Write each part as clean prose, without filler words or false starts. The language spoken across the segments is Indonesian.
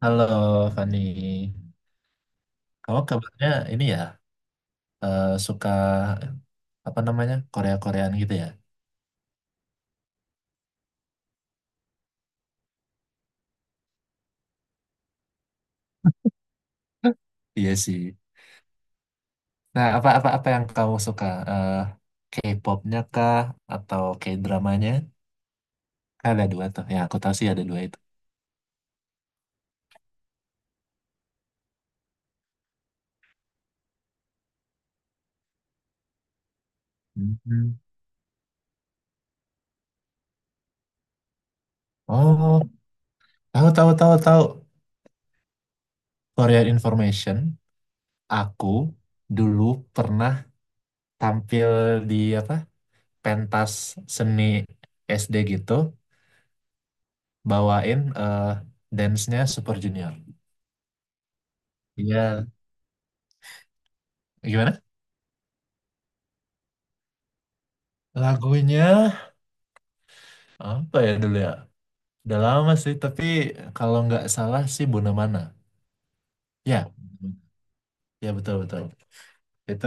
Halo Fani, kamu kabarnya ini ya suka apa namanya Korea-Koreaan gitu ya? Iya sih. Nah apa apa apa yang kamu suka? Eh, K-popnya kah atau K-dramanya? Kan ada dua tuh, ya aku tahu sih ada dua itu. Mhm. Oh, tahu tahu tahu tahu Korean Information. Aku dulu pernah tampil di apa pentas seni SD gitu, bawain eh dance-nya Super Junior. Iya, gimana? Lagunya apa ya dulu ya? Udah lama sih, tapi kalau nggak salah sih Mana. Ya, ya, betul betul. Itu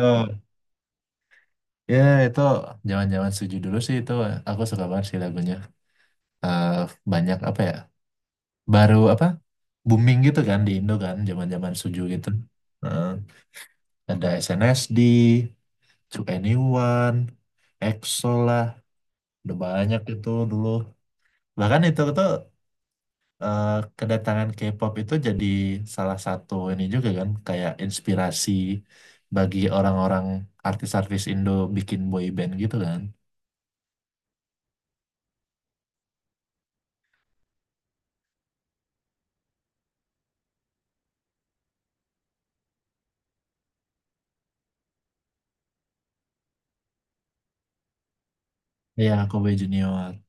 ya itu zaman-zaman suju dulu sih itu, aku suka banget sih lagunya. Eh, banyak apa ya? Baru apa? Booming gitu kan di Indo kan zaman-zaman suju gitu. Eh, ada SNSD, To Anyone, EXO lah, udah banyak itu dulu. Bahkan itu tuh eh, kedatangan K-pop itu jadi salah satu ini juga kan kayak inspirasi bagi orang-orang, artis-artis Indo bikin boy band gitu kan. Ya, Kobe Junior.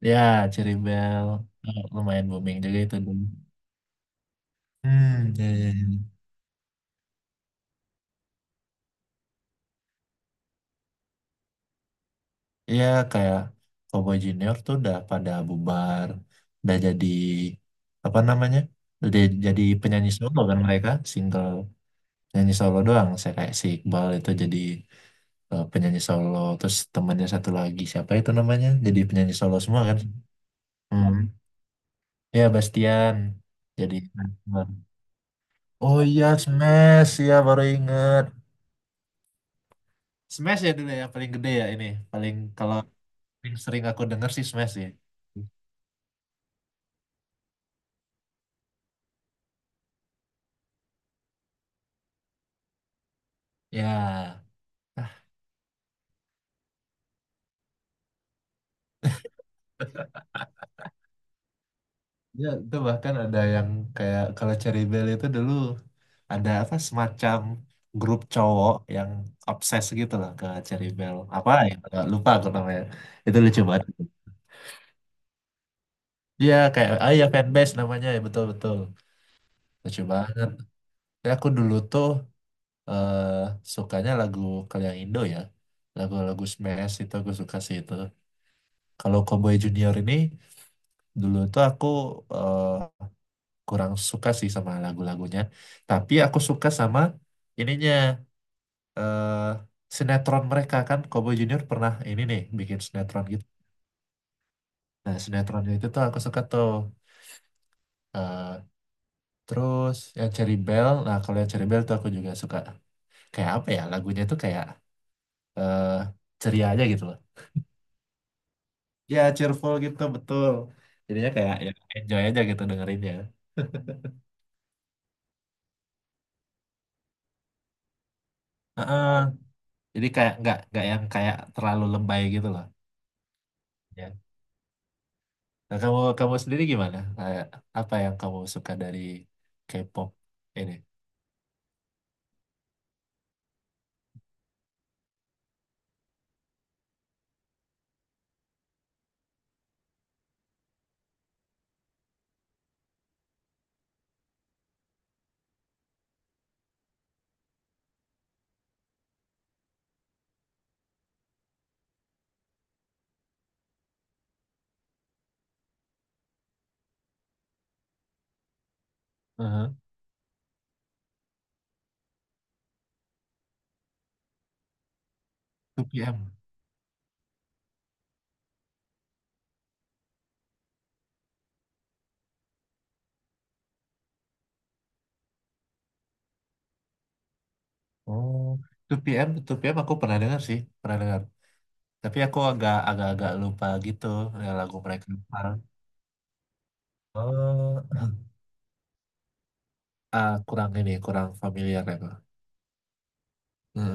Ya, Cherry Bell. Eh, lumayan booming juga itu dulu. Hmm, ya, ya, ya. Iya, kayak Cowboy Junior tuh udah pada bubar, udah jadi apa namanya? Udah jadi penyanyi solo kan mereka, single. Nyanyi solo doang, saya kayak si Iqbal itu jadi penyanyi solo, terus temannya satu lagi siapa itu namanya jadi penyanyi solo semua kan. Hmm. Ya Bastian. Jadi oh iya Smash ya baru inget. Smash ya dulu ya paling gede ya ini, paling kalau paling sering aku denger sih Smash ya. Ya. Ya, itu bahkan ada yang kayak kalau Cherry Bell itu dulu ada apa semacam grup cowok yang obses gitu lah ke Cherry Bell. Apa ya? Nggak lupa aku namanya. Itu lucu banget. Iya kayak ah ya fanbase namanya ya, betul betul. Lucu banget. Ya, aku dulu tuh eh sukanya lagu kalau yang Indo ya. Lagu-lagu Smash itu aku suka sih itu. Kalau Cowboy Junior ini dulu tuh aku eh, kurang suka sih sama lagu-lagunya. Tapi aku suka sama ininya, eh sinetron mereka, kan Cowboy Junior pernah ini nih bikin sinetron gitu. Nah, sinetronnya itu tuh aku suka tuh. Eh, terus yang Cherry Bell, nah kalau yang Cherry Bell tuh aku juga suka. Kayak apa ya? Lagunya tuh kayak eh ceria aja gitu loh. Ya, cheerful gitu, betul. Jadinya kayak ya enjoy aja gitu dengerinnya. Heeh. Jadi kayak nggak yang kayak terlalu lebay gitu loh. Ya. Nah, kamu kamu sendiri gimana? Kayak apa yang kamu suka dari K-pop ini? Heeh. 2PM. Oh, 2PM, 2PM aku pernah dengar sih, pernah dengar. Tapi aku agak agak agak lupa gitu ya lagu mereka. Parah. eh, Ah, kurang ini, kurang familiar ya, Bang. Heeh.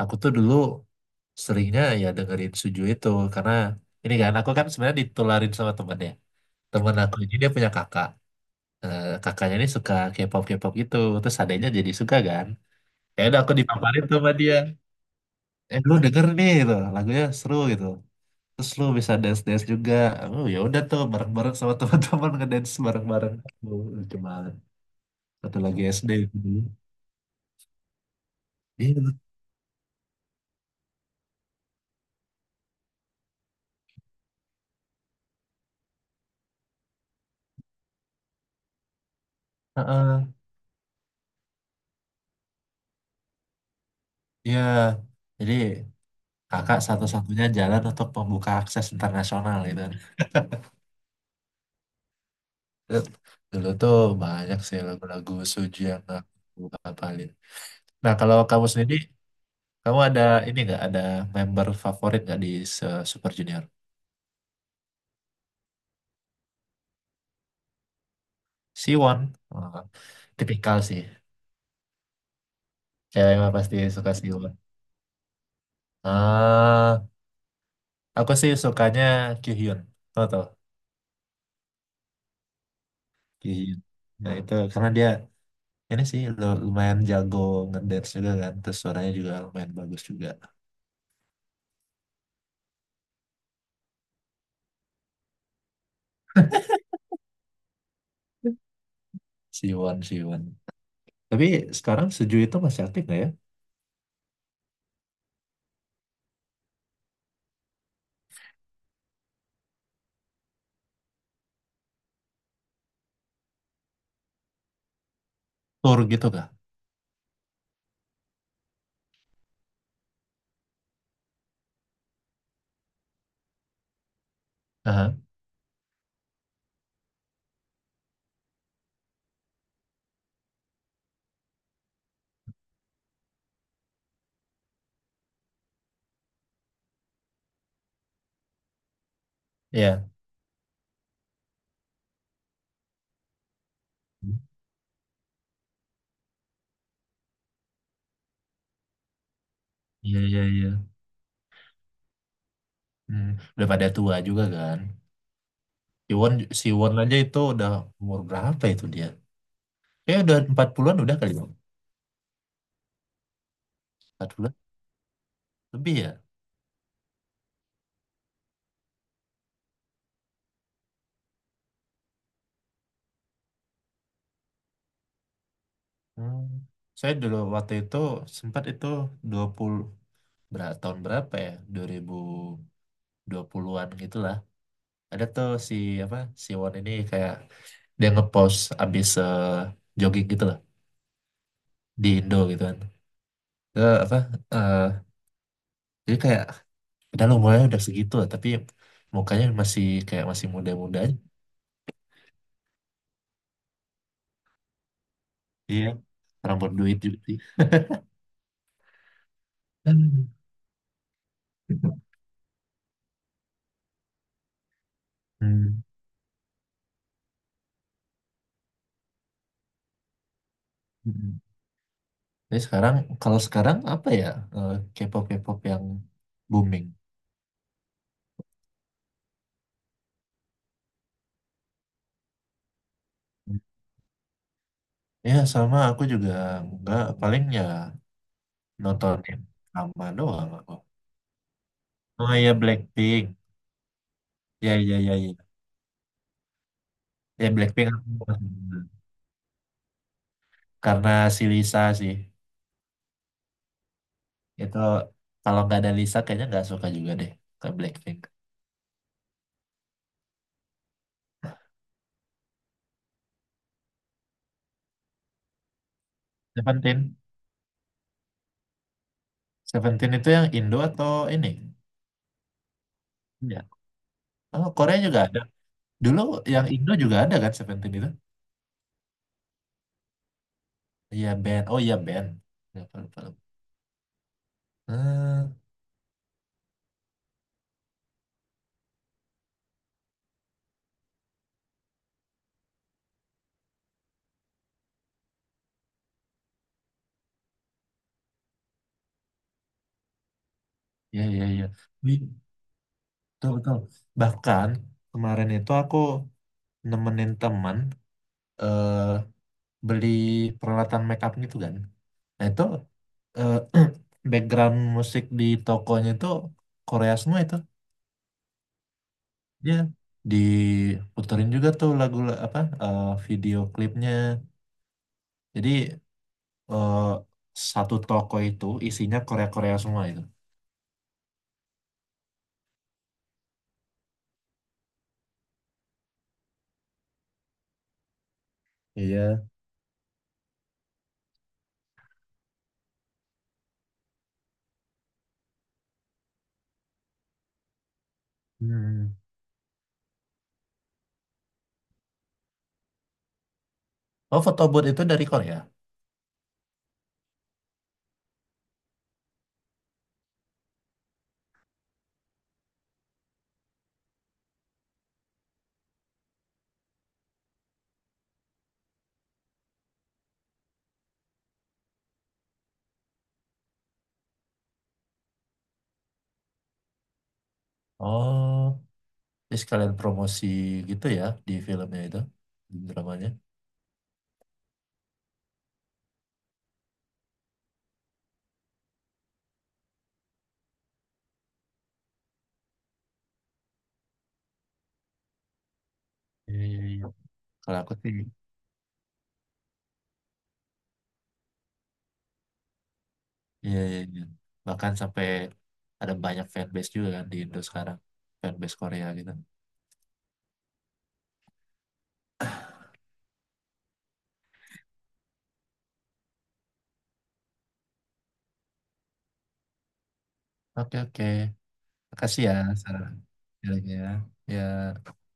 Aku tuh dulu seringnya ya dengerin Suju itu karena ini kan aku kan sebenarnya ditularin sama temen ya. Temen aku ini dia punya kakak. Kakaknya ini suka K-pop gitu terus adanya jadi suka kan. Ya udah aku dipaparin tuh sama dia, lu denger nih gitu lagunya seru gitu, terus lu bisa dance dance juga. Oh ya udah tuh bareng bareng sama teman-teman ngedance bareng bareng. Oh, lucu banget. Satu lagi SD itu dulu. Iya. Heeh. Iya. Jadi kakak satu-satunya jalan untuk membuka akses internasional gitu kan. Terus dulu tuh banyak sih lagu-lagu Suju yang aku hafalin. Nah kalau kamu sendiri, kamu ada ini nggak, ada member favorit nggak di se- Super Junior? Siwon. Ah, tipikal sih. Cewek mah pasti suka Siwon. Ah, aku sih sukanya Kyuhyun. Tau tau Kyuhyun. Nah itu karena dia ini sih lu- lumayan jago ngedance juga kan. Terus suaranya juga lumayan bagus juga. Siwon, Siwon. Tapi sekarang Suju itu masih aktif nggak ya? Tour gitu kah? Aha. Iya. Iya, iya, iya. Hmm. Udah pada tua juga kan. Si Won, si Won aja itu udah umur berapa itu dia? Ya udah 40-an udah kali Bang. 40-an lebih ya. Hmm. Saya dulu waktu itu sempat itu 20 berapa tahun berapa ya? 2020-an gitulah. Ada tuh si apa? Si Won ini kayak dia ngepost abis jogging gitu lah di Indo gitu kan. Eh, apa? eh, jadi kayak udah lah, umurnya udah segitu lah, tapi mukanya masih kayak masih muda-muda aja. Iya. Orang berduit juga sih. Hmm. Hmm. Mm-mm. Tapi sekarang, kalau sekarang apa ya, K-pop K-pop yang booming? Hmm. Ya sama aku juga nggak paling ya nonton yang sama doang aku. Oh iya Blackpink. Ya ya ya ya. Ya Blackpink aku masih denger karena si Lisa sih. Itu kalau nggak ada Lisa kayaknya nggak suka juga deh ke Blackpink. Seventeen. Seventeen itu yang Indo atau ini? Ya. Oh, Korea juga ada. Dulu yang Indo juga ada kan Seventeen itu? Iya band. Oh iya band. Ya, film- film. Eh, iya, iya, iya. Wih, Betul betul. Bahkan kemarin itu aku nemenin teman eh beli peralatan make up gitu kan. Nah itu eh, background musik di tokonya itu Korea semua itu. Dia diputerin juga tuh lagu la- apa video klipnya. Jadi eh, satu toko itu isinya Korea-Korea semua itu. Iya. Hmm. Oh, foto booth itu dari Korea. Oh, jadi sekalian promosi gitu ya di filmnya itu, di dramanya. Iya, iya, iya. Kalau aku sih, iya, iya, iya. Bahkan sampai ada banyak fanbase juga kan di Indo sekarang, fanbase Korea gitu. Oke, oke. Makasih ya, Sarah. Ya, ya. Ya.